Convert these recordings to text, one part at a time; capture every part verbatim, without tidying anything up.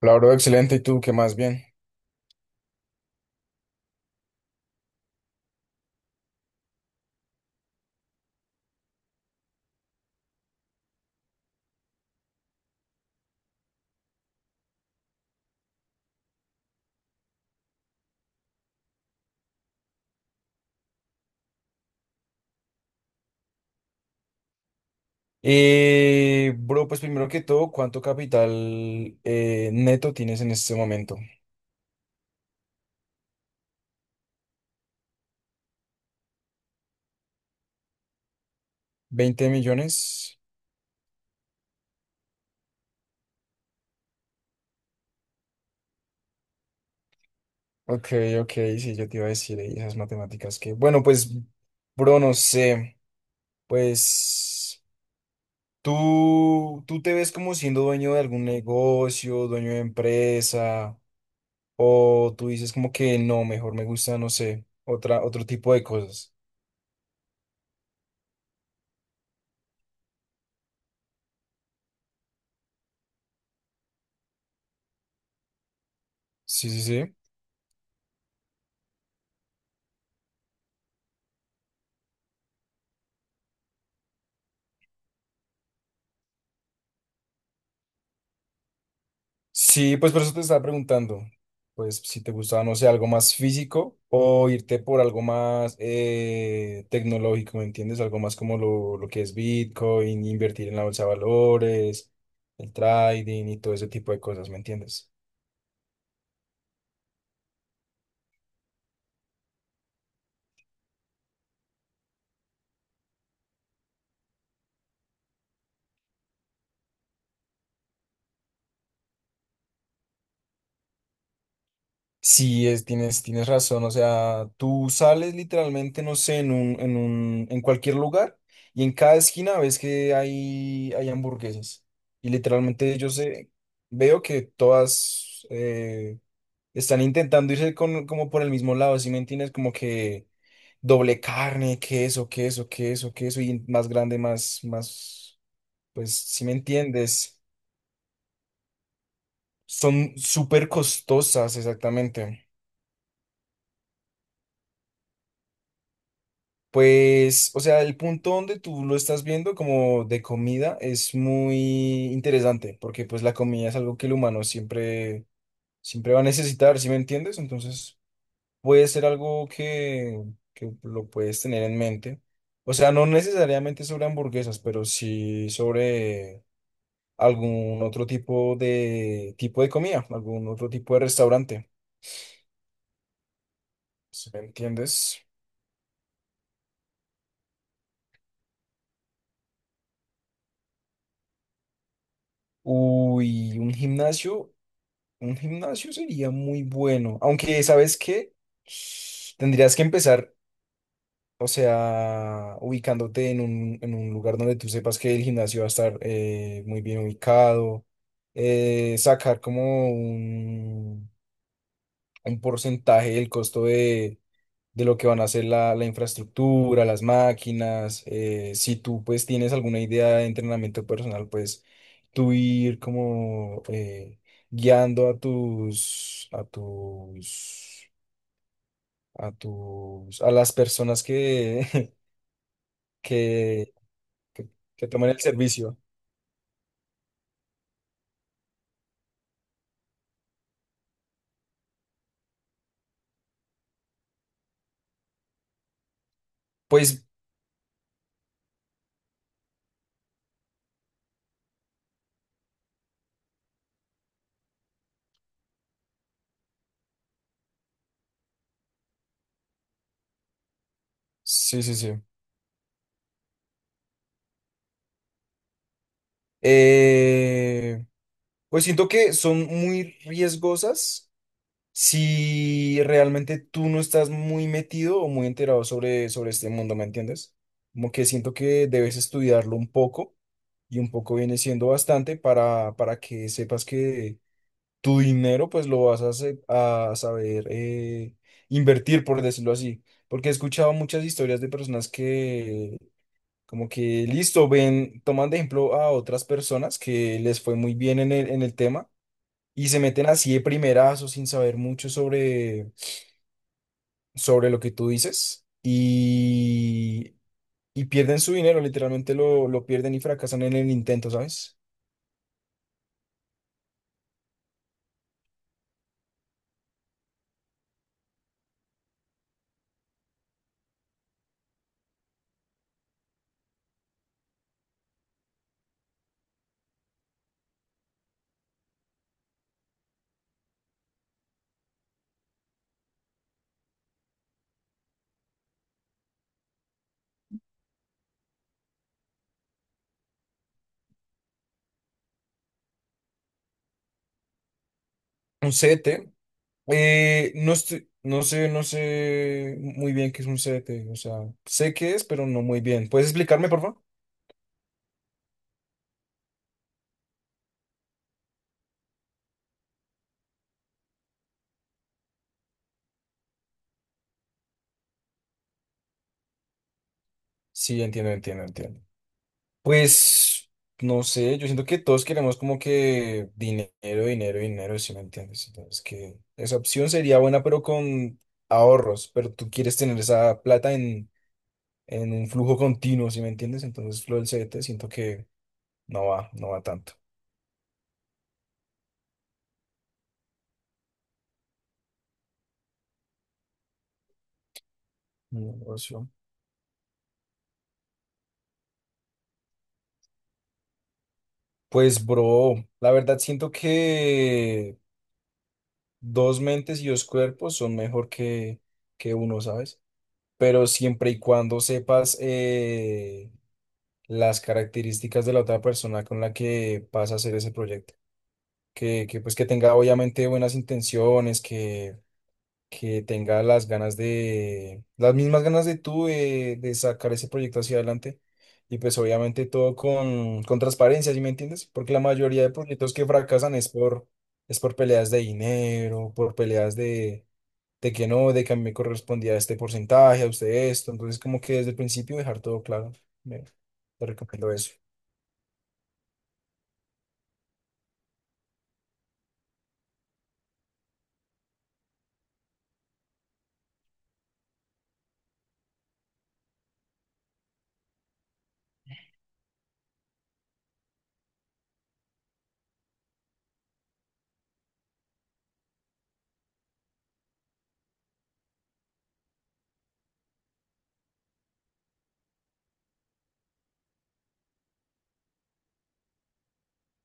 Hola, bro, excelente. ¿Y tú qué más? Bien. Eh, bro, pues primero que todo, ¿cuánto capital eh, neto tienes en este momento? ¿Veinte millones? Ok, ok, sí, yo te iba a decir eh, esas matemáticas que... Bueno, pues, bro, no sé. Pues, ¿tú, tú te ves como siendo dueño de algún negocio, ¿dueño de empresa? ¿O tú dices como que no, mejor me gusta, no sé, otra, otro tipo de cosas? Sí, sí, sí. Sí, pues por eso te estaba preguntando, pues si te gustaba, no sé, algo más físico o irte por algo más eh, tecnológico, ¿me entiendes? Algo más como lo, lo que es Bitcoin, invertir en la bolsa de valores, el trading y todo ese tipo de cosas, ¿me entiendes? Sí, es, tienes, tienes razón, o sea, tú sales literalmente, no sé, en un, en un, en cualquier lugar y en cada esquina ves que hay, hay hamburguesas y literalmente yo sé, veo que todas... eh, están intentando irse con, como por el mismo lado, ¿sí me entiendes? Como que doble carne, queso, queso, queso, queso, y más grande, más, más, pues, ¿sí me entiendes? Son súper costosas, exactamente. Pues, o sea, el punto donde tú lo estás viendo como de comida es muy interesante, porque pues la comida es algo que el humano siempre, siempre va a necesitar, ¿sí me entiendes? Entonces... puede ser algo que, que lo puedes tener en mente. O sea, no necesariamente sobre hamburguesas, pero sí sobre algún otro tipo de tipo de comida, algún otro tipo de restaurante. ¿Sí me entiendes? Uy, un gimnasio, un gimnasio sería muy bueno. Aunque, ¿sabes qué? Tendrías que empezar. O sea, ubicándote en un, en un lugar donde tú sepas que el gimnasio va a estar eh, muy bien ubicado, eh, sacar como un, un porcentaje del costo de, de lo que van a hacer la, la infraestructura, las máquinas, eh, si tú pues tienes alguna idea de entrenamiento personal, pues tú ir como eh, guiando a tus, a tus, a tus, a las personas que... que que, que tomen el servicio. Pues sí, sí, sí. Eh, pues siento que son muy riesgosas si realmente tú no estás muy metido o muy enterado sobre, sobre este mundo, ¿me entiendes? Como que siento que debes estudiarlo un poco y un poco viene siendo bastante para, para que sepas que tu dinero pues lo vas a, se- a saber eh, invertir, por decirlo así. Porque he escuchado muchas historias de personas que... Como que listo, ven, toman de ejemplo a otras personas que les fue muy bien en el, en el tema y se meten así de primerazo sin saber mucho sobre, sobre lo que tú dices y, y pierden su dinero, literalmente lo, lo pierden y fracasan en el intento, ¿sabes? Un C D T, eh, no estoy- no sé, no sé muy bien qué es un C D T, o sea, sé qué es, pero no muy bien. ¿Puedes explicarme, por favor? Sí, entiendo, entiendo, entiendo. Pues, no sé, yo siento que todos queremos como que dinero, dinero, dinero, si me entiendes. Entonces, que esa opción sería buena, pero con ahorros, pero tú quieres tener esa plata en, en un flujo continuo, si me entiendes. Entonces, lo del C D T siento que no va, no va tanto. Mm, negocio. Pues, bro, la verdad siento que dos mentes y dos cuerpos son mejor que, que uno, ¿sabes? Pero siempre y cuando sepas... Eh, las características de la otra persona con la que vas a hacer ese proyecto. Que, que pues que tenga obviamente buenas intenciones, que, que tenga las ganas de, las mismas ganas de tú de, de sacar ese proyecto hacia adelante. Y pues obviamente todo con, con transparencia, ¿sí me entiendes? Porque la mayoría de proyectos que fracasan es por, es por peleas de dinero, por peleas de, de que no, de que a mí me correspondía este porcentaje, a usted esto. Entonces como que desde el principio dejar todo claro. Me- te recomiendo eso.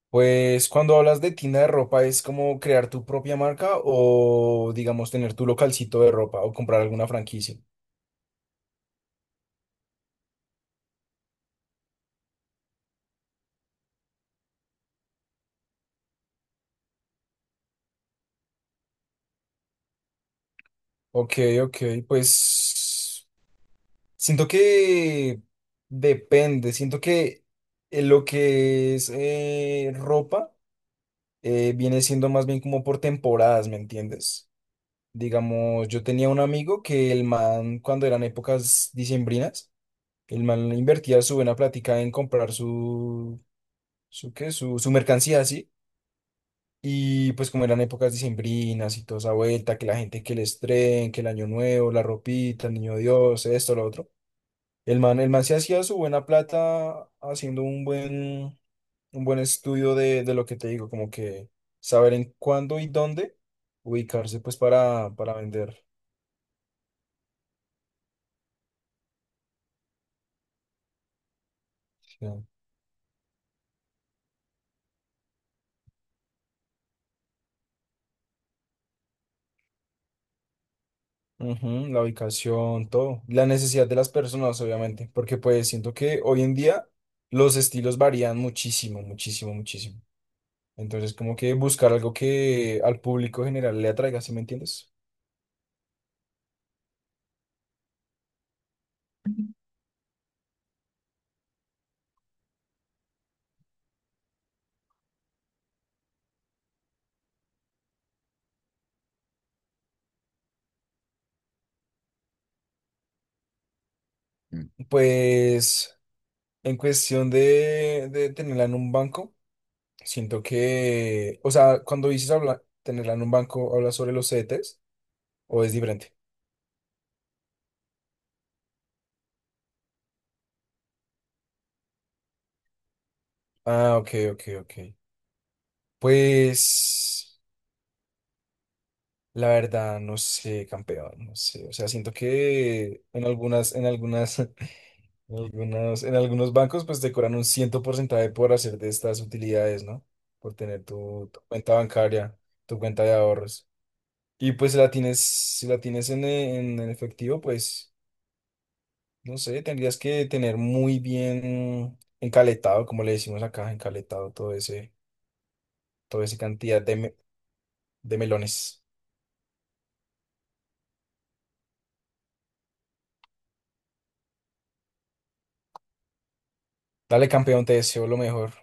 Pues cuando hablas de tienda de ropa, ¿es como crear tu propia marca o digamos tener tu localcito de ropa o comprar alguna franquicia? Ok, ok, pues siento que depende, siento que eh, lo que es eh, ropa eh, viene siendo más bien como por temporadas, ¿me entiendes? Digamos, yo tenía un amigo que el man, cuando eran épocas diciembrinas, el man invertía su buena plática en comprar su, su, ¿qué? su, su mercancía así. Y pues como eran épocas dicembrinas y toda esa vuelta, que la gente que el estreno, que el año nuevo, la ropita, el niño Dios, esto, lo otro. El man, el man se hacía su buena plata haciendo un buen, un buen estudio de, de lo que te digo, como que saber en cuándo y dónde ubicarse pues para, para vender. ¿Sí? Ujú, la ubicación, todo. La necesidad de las personas, obviamente, porque pues siento que hoy en día los estilos varían muchísimo, muchísimo, muchísimo. Entonces, como que buscar algo que al público general le atraiga, ¿sí me entiendes? Pues en cuestión de, de tenerla en un banco, siento que, o sea, cuando dices habla, tenerla en un banco, ¿hablas sobre los C D Ts o es diferente? Ah, ok, ok, ok. Pues la verdad, no sé, campeón, no sé. O sea, siento que en algunas, en algunas en algunos, en algunos bancos pues te cobran un ciento porcentaje por hacer de estas utilidades, ¿no? Por tener tu, tu cuenta bancaria, tu cuenta de ahorros. Y pues si la tienes, si la tienes en, e- en, en efectivo, pues no sé, tendrías que tener muy bien encaletado, como le decimos acá, encaletado todo ese, toda esa cantidad de, me- de melones. Dale, campeón, te deseo lo mejor.